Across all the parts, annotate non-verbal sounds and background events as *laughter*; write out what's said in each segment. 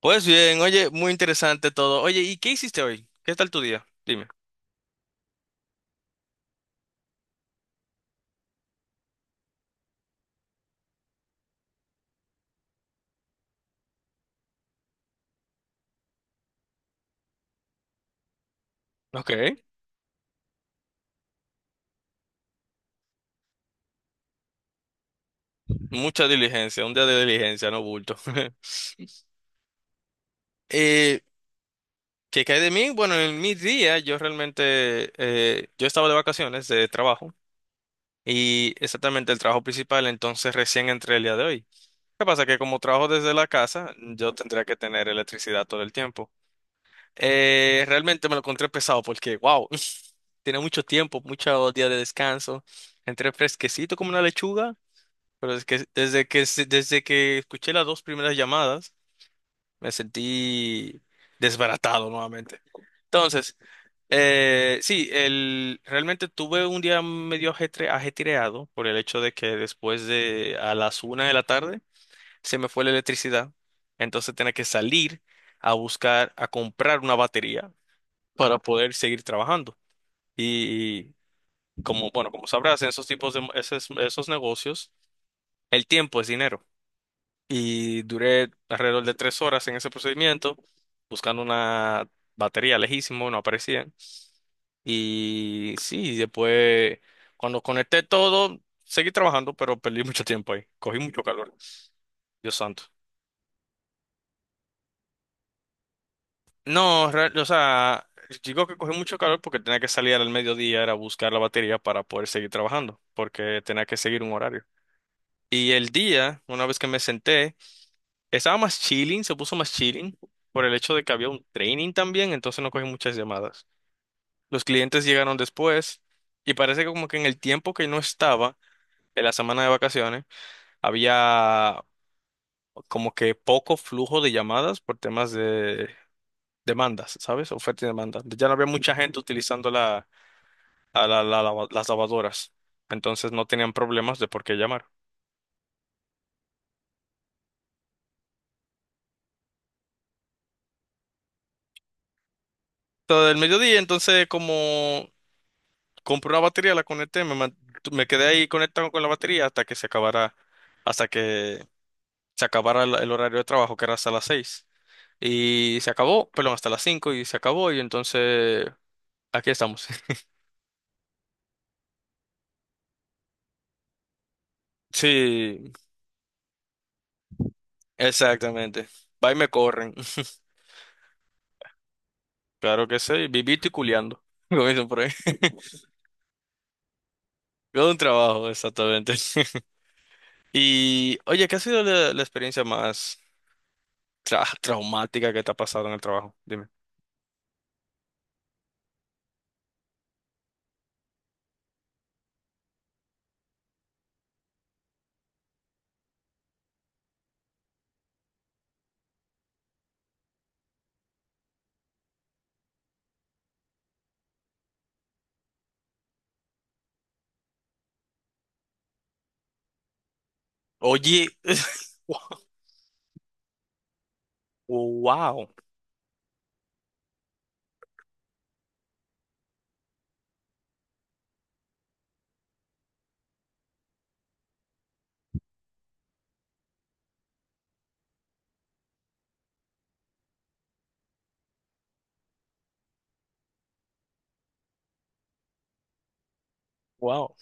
Pues bien, oye, muy interesante todo. Oye, ¿y qué hiciste hoy? ¿Qué tal tu día? Dime. Ok. Mucha diligencia, un día de diligencia, no bulto. *laughs* Eh, ¿qué cae de mí? Bueno, en mi día yo realmente, yo estaba de vacaciones de trabajo y exactamente el trabajo principal, entonces recién entré el día de hoy. ¿Qué pasa? Que como trabajo desde la casa, yo tendría que tener electricidad todo el tiempo. Realmente me lo encontré pesado porque, wow, *laughs* tiene mucho tiempo, muchos días de descanso. Entré fresquecito como una lechuga. Pero es que desde que escuché las dos primeras llamadas, me sentí desbaratado nuevamente. Entonces, sí, realmente tuve un día medio ajetreado por el hecho de que después de a las una de la tarde se me fue la electricidad. Entonces tenía que salir a buscar, a comprar una batería para poder seguir trabajando. Y como, bueno, como sabrás, en esos tipos de esos negocios, el tiempo es dinero. Y duré alrededor de 3 horas en ese procedimiento buscando una batería lejísimo, no aparecía. Y sí, después cuando conecté todo, seguí trabajando, pero perdí *laughs* mucho tiempo ahí. Cogí mucho calor. Dios santo. No, o sea, digo que cogí mucho calor porque tenía que salir al mediodía, era buscar la batería para poder seguir trabajando, porque tenía que seguir un horario. Y el día, una vez que me senté, estaba más chilling, se puso más chilling por el hecho de que había un training también, entonces no cogí muchas llamadas. Los clientes llegaron después y parece que como que en el tiempo que no estaba, en la semana de vacaciones, había como que poco flujo de llamadas por temas de demandas, ¿sabes? Oferta y demanda. Ya no había mucha gente utilizando la, a la- la lava- las lavadoras, entonces no tenían problemas de por qué llamar. Todo el mediodía, entonces como compré una batería, la conecté, me quedé ahí conectado con la batería hasta que se acabara, hasta que se acabara el horario de trabajo, que era hasta las 6. Y se acabó, perdón, hasta las 5 y se acabó y entonces aquí estamos. *laughs* Sí, exactamente. Va y me corren. *laughs* Claro que sí, vivito y culeando, *laughs* como dicen por ahí. Todo un trabajo, exactamente. *laughs* Y oye, ¿qué ha sido la experiencia más traumática que te ha pasado en el trabajo? Dime. Oye, *laughs* wow. Wow.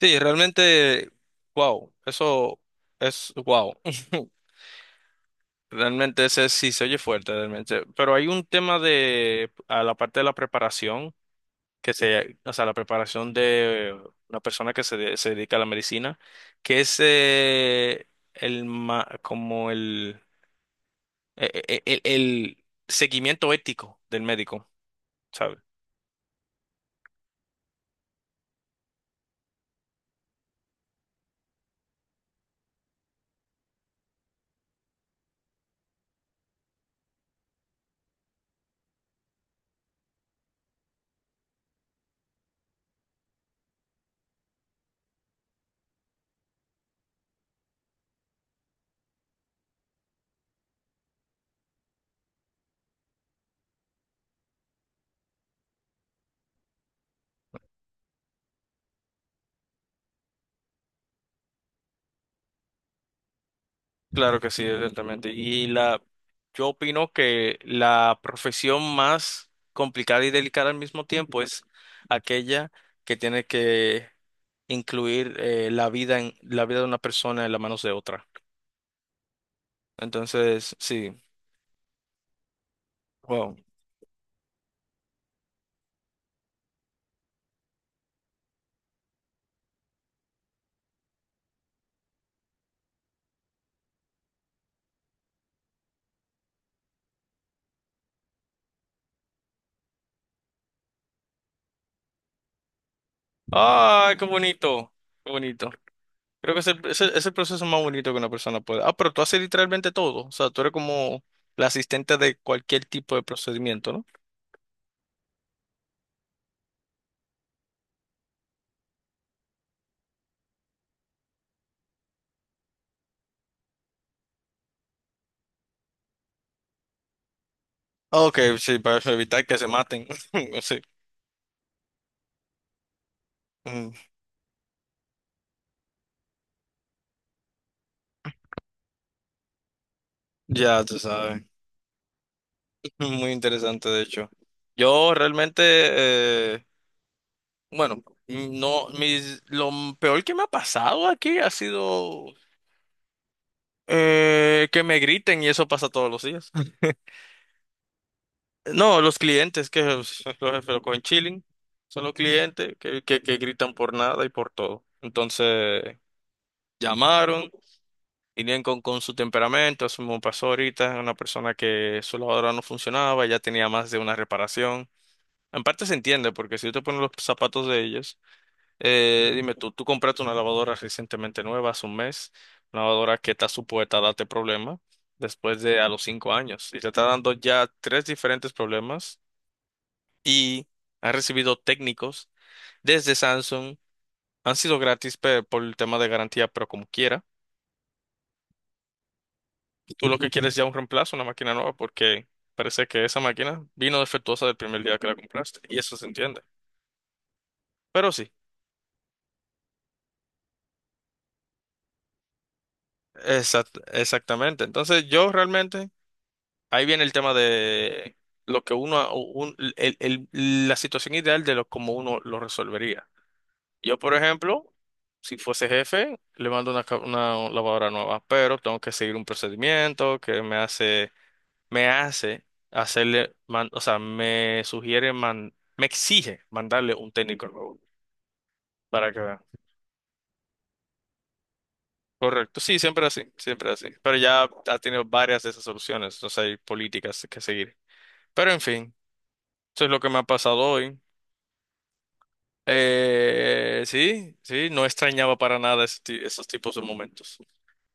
Sí, realmente, wow, eso es wow. *laughs* Realmente ese sí se oye fuerte, realmente. Pero hay un tema de, a la parte de la preparación, o sea, la preparación de una persona que se dedica a la medicina, que es el, ma- como el, e- e- e- el, seguimiento ético del médico, ¿sabes? Claro que sí, exactamente. Y yo opino que la profesión más complicada y delicada al mismo tiempo es aquella que tiene que incluir la vida en la vida de una persona en las manos de otra. Entonces, sí, wow. ¡Ay, qué bonito! Qué bonito. Creo que es el proceso más bonito que una persona puede. Ah, pero tú haces literalmente todo. O sea, tú eres como la asistente de cualquier tipo de procedimiento, ¿no? Ok, sí, para evitar que se maten. *laughs* Sí. Mm. Ya, tú sabes. *laughs* Muy interesante, de hecho. Yo realmente, eh, bueno, no, lo peor que me ha pasado aquí ha sido que me griten y eso pasa todos los días. *laughs* No, los clientes, que los jefes con chilling, son los clientes que gritan por nada y por todo. Entonces, llamaron, vinieron con su temperamento, eso me pasó ahorita, una persona que su lavadora no funcionaba, ya tenía más de una reparación. En parte se entiende, porque si tú te pones los zapatos de ellos, dime tú, tú compraste una lavadora recientemente nueva, hace un mes, una lavadora que está supuesta a darte problemas después de a los 5 años, y te está dando ya 3 diferentes problemas, y ha recibido técnicos desde Samsung, han sido gratis por el tema de garantía, pero como quiera, tú lo que quieres es ya un reemplazo, una máquina nueva, porque parece que esa máquina vino defectuosa del primer día que la compraste, y eso se entiende. Pero sí. Exactamente. Entonces, yo realmente, ahí viene el tema de lo que uno, la situación ideal de lo, cómo uno lo resolvería. Yo, por ejemplo, si fuese jefe, le mando una lavadora nueva, pero tengo que seguir un procedimiento que me hace o sea, me sugiere, me exige mandarle un técnico nuevo para que vea. Correcto, sí, siempre así, siempre así. Pero ya ha tenido varias de esas soluciones, entonces hay políticas que seguir. Pero en fin, eso es lo que me ha pasado hoy. Sí, sí, no extrañaba para nada esos tipos de momentos.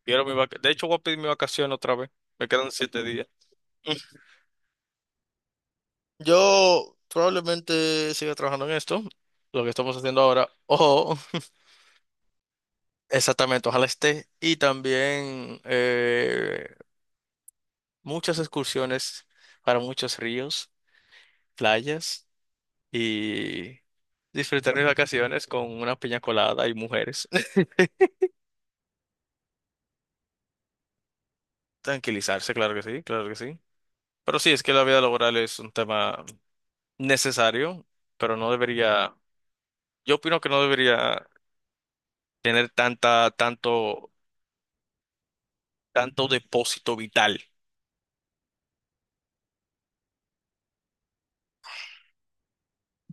De hecho, voy a pedir mi vacación otra vez. Me quedan 7 días. *laughs* Yo probablemente siga trabajando en esto, lo que estamos haciendo ahora. Ojo, exactamente, ojalá esté. Y también muchas excursiones para muchos ríos, playas y disfrutar mis vacaciones con una piña colada y mujeres. Tranquilizarse, claro que sí, claro que sí. Pero sí, es que la vida laboral es un tema necesario, pero no debería, yo opino que no debería tener tanta, tanto, tanto depósito vital.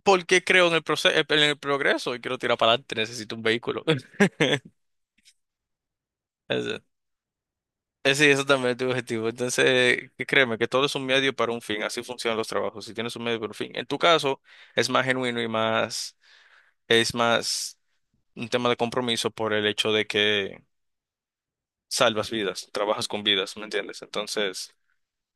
Porque creo en el proceso, en el progreso y quiero tirar para adelante, necesito un vehículo. *laughs* Eso. Sí, eso también es tu objetivo. Entonces, que créeme que todo es un medio para un fin, así funcionan los trabajos. Si tienes un medio para un fin, en tu caso es más genuino y más, es más un tema de compromiso por el hecho de que salvas vidas, trabajas con vidas, ¿me entiendes? Entonces,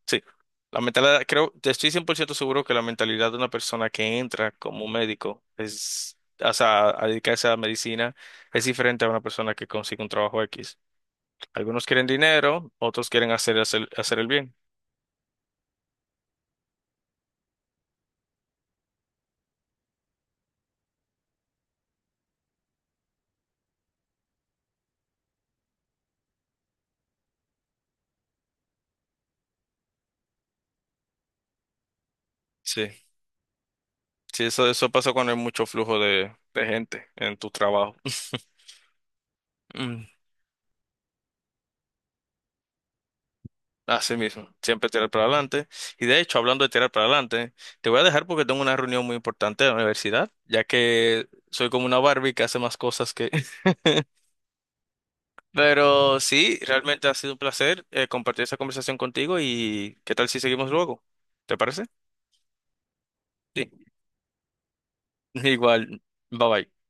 sí, la mentalidad, creo, te estoy 100% seguro que la mentalidad de una persona que entra como médico es, o sea, a dedicarse a la medicina es diferente a una persona que consigue un trabajo X. Algunos quieren dinero, otros quieren hacer el bien. Sí, sí, eso pasa cuando hay mucho flujo de gente en tu trabajo. *laughs* Mm. Así mismo, siempre tirar para adelante. Y de hecho, hablando de tirar para adelante, te voy a dejar porque tengo una reunión muy importante de la universidad, ya que soy como una Barbie que hace más cosas que... *laughs* Pero sí, realmente ha sido un placer compartir esta conversación contigo y qué tal si seguimos luego, ¿te parece? Sí, *laughs* igual, bye bye.